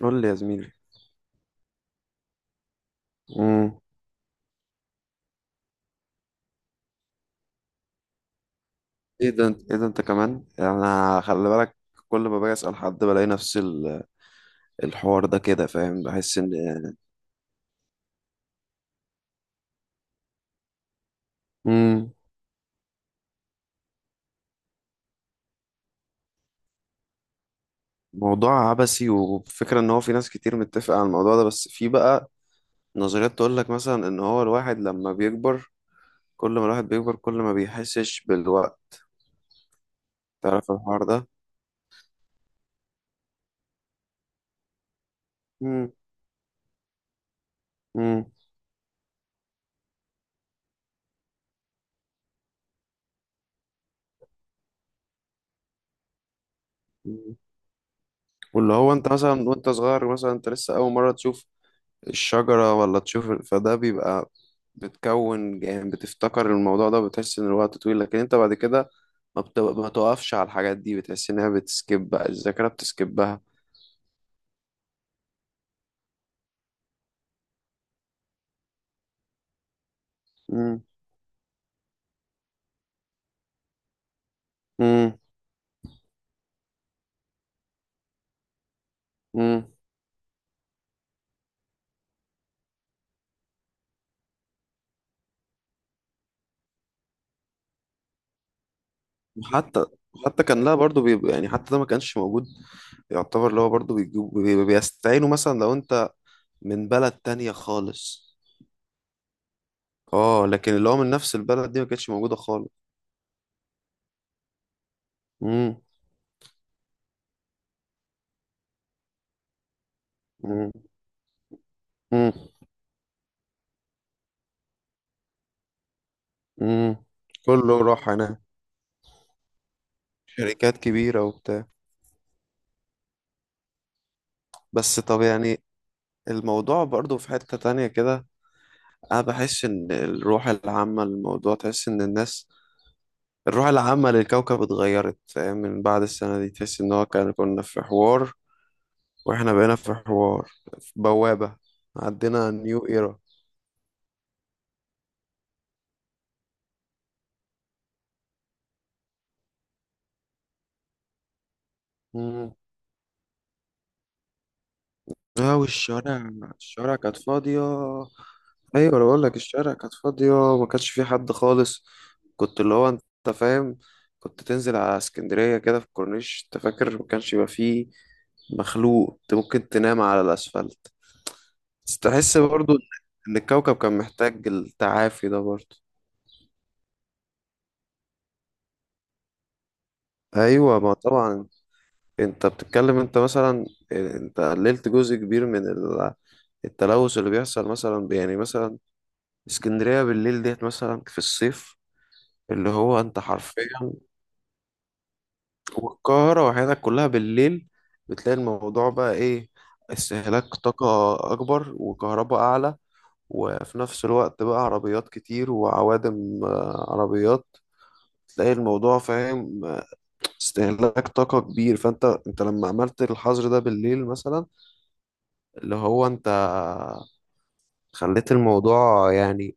قول لي يا زميلي. امم ايه ده انت، كمان يعني، انا خلي بالك. كل ما باجي اسال حد بلاقي نفس الحوار ده كده فاهم. بحس ان امم موضوع عبثي، وفكرة ان هو في ناس كتير متفقة على الموضوع ده، بس في بقى نظريات تقول لك مثلا ان هو الواحد لما بيكبر، كل ما الواحد بيكبر كل ما بيحسش بالوقت. تعرف الحوار ده؟ امم امم واللي هو انت مثلا وانت صغير، مثلا انت لسه اول مرة تشوف الشجرة ولا تشوف، فده بيبقى بتكون يعني بتفتكر الموضوع ده، بتحس إن الوقت طويل. لكن أنت بعد كده، ما بتقفش على الحاجات دي، بتحس إنها بتسكب بقى، الذاكرة بتسكبها. مم. مم. مم. وحتى كان لها برضو، بيبقى يعني حتى ده ما كانش موجود. يعتبر اللي هو برضو بيجيب بيستعينوا مثلا لو أنت من بلد تانية خالص. اه لكن اللي هو من نفس البلد دي ما كانتش موجودة خالص. مم. مم. مم. مم. كله راح هناك. شركات كبيرة وبتاع. بس طب يعني الموضوع برضو في حتة تانية كده. أنا بحس إن الروح العامة للموضوع، تحس إن الناس، الروح العامة للكوكب اتغيرت فاهم؟ من بعد السنة دي تحس إن هو كان كنا في حوار، وإحنا بقينا في حوار، في بوابة، عندنا نيو إيرا. اه والشوارع، الشوارع كانت فاضية. ايوه، انا بقول لك الشارع كانت فاضيه، ما كانش في حد خالص. كنت اللي هو انت فاهم، كنت تنزل على اسكندريه كده في الكورنيش، انت فاكر، ما كانش يبقى فيه مخلوق، انت ممكن تنام على الاسفلت. بس تحس برضو ان الكوكب كان محتاج التعافي ده برضو. ايوه، ما طبعا انت بتتكلم، انت مثلا انت قللت جزء كبير من التلوث اللي بيحصل، مثلا يعني مثلا اسكندريه بالليل ديت، مثلا في الصيف، اللي هو انت حرفيا، والقاهرة وحياتك كلها بالليل، بتلاقي الموضوع بقى إيه؟ استهلاك طاقة أكبر وكهرباء أعلى. وفي نفس الوقت بقى عربيات كتير وعوادم. آه، عربيات، تلاقي الموضوع فاهم. آه، استهلاك طاقة كبير. فأنت، أنت لما عملت الحظر ده بالليل مثلا، اللي هو أنت خليت الموضوع يعني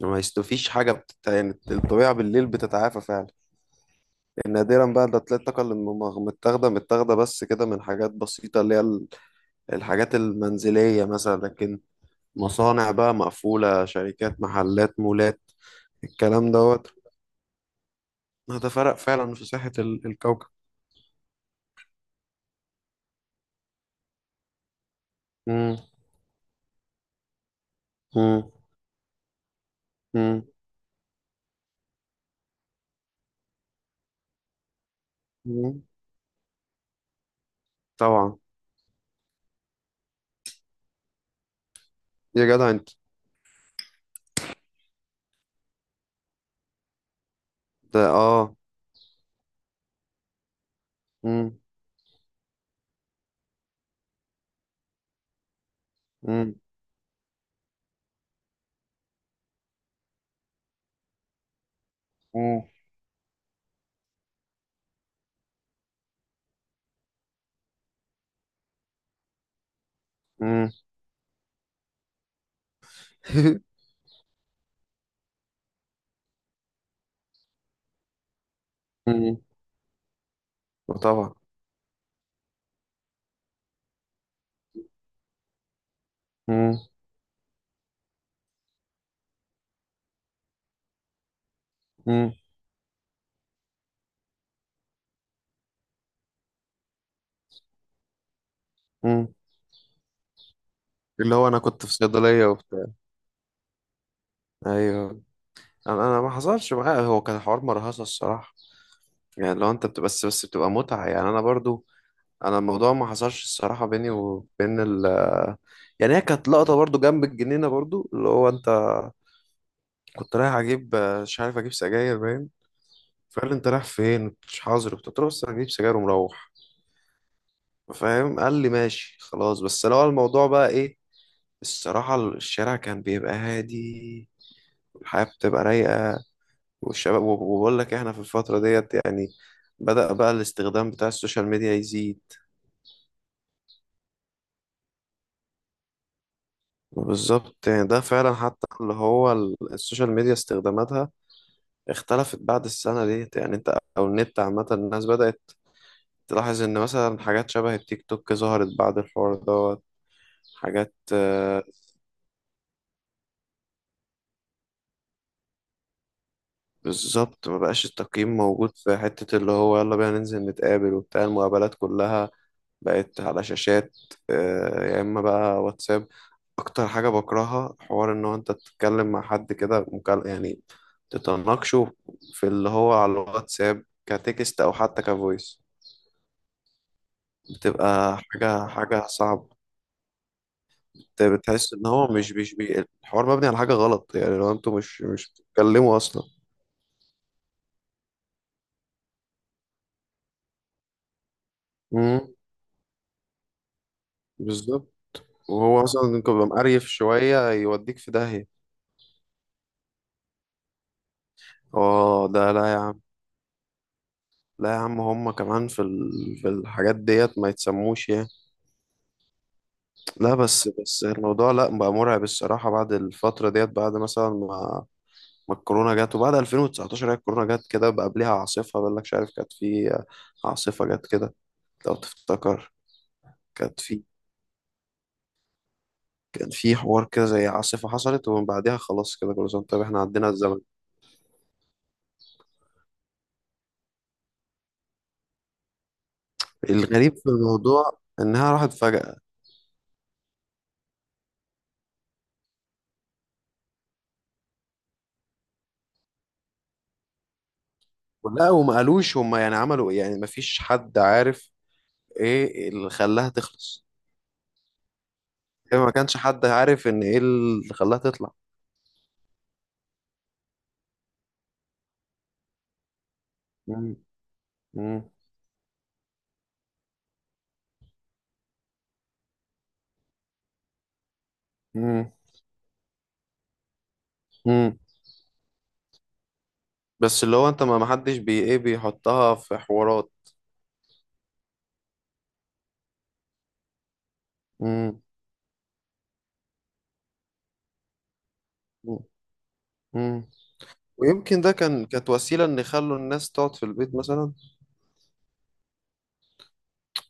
ما يستفيش حاجة يعني الطبيعة بالليل بتتعافى فعلا. نادرا بقى ده تلاقي الطاقة اللي متاخدة، بس كده من حاجات بسيطة اللي هي الحاجات المنزلية مثلا. لكن مصانع بقى مقفولة، شركات، محلات، مولات، الكلام دوت. هذا فرق فعلا في صحة الكوكب. مم. مم. مم. مم. طبعا. يا جدع انت! ده اه. مم. مم. مم. مم. مم. وطبعا. مم. مم. مم. اللي هو انا كنت في صيدلية وبتاع. ايوه. انا ما حصلش معايا، هو كان حوار مرهصة الصراحة. يعني لو انت بتبقى بس بتبقى متعة يعني. انا برضو، انا الموضوع ما حصلش الصراحه بيني وبين ال، يعني هي كانت لقطه برضو جنب الجنينه برضو، اللي هو انت كنت رايح اجيب، آه، مش عارف اجيب سجاير باين. فقال لي انت رايح فين، مش حاضر؟ قلت له بس انا هجيب سجاير ومروح، فاهم؟ قال لي ماشي خلاص، بس لو الموضوع بقى ايه. الصراحه الشارع كان بيبقى هادي، والحياه بتبقى رايقه، والشباب. وبقول لك احنا في الفتره ديت يعني بدأ بقى الاستخدام بتاع السوشيال ميديا يزيد. بالظبط يعني، ده فعلا حتى اللي هو السوشيال ميديا استخداماتها اختلفت بعد السنة ديت يعني، انت او النت عامة، الناس بدأت تلاحظ ان مثلا حاجات شبه التيك توك ظهرت بعد الحوار دوت. حاجات آه، بالظبط، ما بقاش التقييم موجود في حتة اللي هو يلا بينا ننزل نتقابل وبتاع. المقابلات كلها بقت على شاشات. آه، يا اما بقى واتساب. اكتر حاجه بكرهها حوار ان هو انت تتكلم مع حد كده يعني تتناقشه في اللي هو على الواتساب كتكست او حتى كفويس، بتبقى حاجه صعبه. بتحس ان هو مش مش بي... الحوار مبني على حاجه غلط يعني، لو انتوا مش بتتكلموا اصلا. امم بالظبط. وهو اصلا انت بيبقى مقريف شويه، يوديك في داهيه. اه ده لا يا عم، لا يا عم، هم كمان في ال، في الحاجات ديت ما يتسموش يعني. لا بس، الموضوع لا بقى مرعب الصراحة، بعد الفترة ديت، بعد مثلا ما الكورونا جت. وبعد 2019، هي الكورونا جت كده، بقى قبلها عاصفة بقول لك، مش عارف كانت في عاصفة جت كده لو تفتكر. كانت في، كان في حوار كده زي عاصفة حصلت، ومن بعدها خلاص كده كل سنة. طب احنا عدينا الزمن. الغريب في الموضوع انها راحت فجأة. لا وما قالوش هم يعني عملوا ايه يعني، ما فيش حد عارف ايه اللي خلاها تخلص. هي ما كانش حد عارف ان ايه اللي خلاها تطلع. مم. مم. مم. مم. بس اللي هو انت ما حدش بي ايه بيحطها في حوارات. مم. مم. مم. ويمكن ده كانت وسيلة ان يخلوا الناس تقعد في البيت مثلا.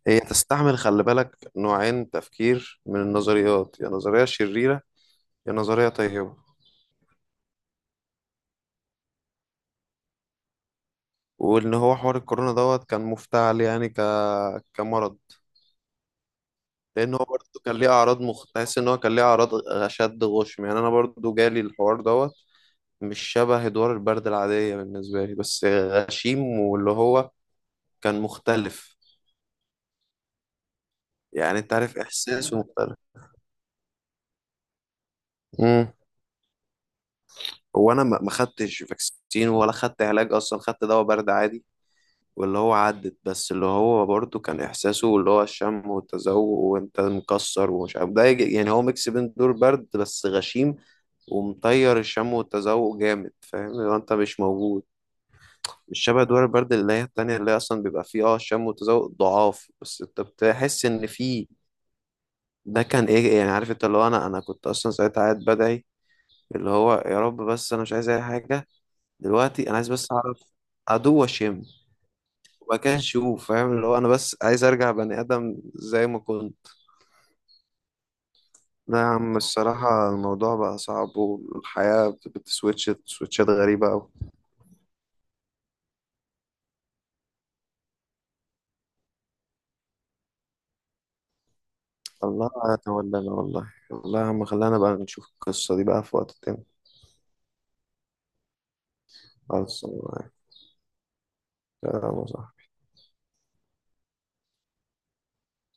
هي تستعمل خلي بالك نوعين تفكير من النظريات، يا نظرية شريرة يا نظرية طيبة. وان هو حوار الكورونا دوت كان مفتعل يعني كمرض. لان هو برضه كان ليه اعراض تحس ان هو كان ليه اعراض اشد غشم يعني. انا برضه جالي الحوار دوت، مش شبه ادوار البرد العادية بالنسبة لي، بس غشيم واللي هو كان مختلف يعني. انت عارف احساسه مختلف. امم هو انا ما خدتش فاكسين، ولا خدت علاج اصلا، خدت دواء برد عادي واللي هو عدت. بس اللي هو برضه كان احساسه اللي هو الشم والتذوق، وانت مكسر ومش عارف ده يعني هو ميكس بين دور برد بس غشيم، ومطير الشم والتذوق جامد فاهم، اللي هو انت مش موجود. الشبه دوار البرد اللي هي التانية اللي هي أصلا بيبقى فيه اه شم وتذوق ضعاف، بس أنت بتحس إن فيه. ده كان إيه يعني؟ عارف أنت اللي هو، أنا كنت أصلا ساعتها قاعد بدعي اللي هو يا رب، بس أنا مش عايز أي حاجة دلوقتي، أنا عايز بس أعرف أدوق وأشم وبعد كده أشوف، فاهم؟ اللي هو أنا بس عايز أرجع بني آدم زي ما كنت. لا يا عم الصراحة الموضوع بقى صعب، والحياة بتسويتش سويتشات غريبة أوي. الله يتولانا والله. والله يا عم خلينا بقى نشوف القصة دي بقى في وقت تاني. خلاص، يلا، صح.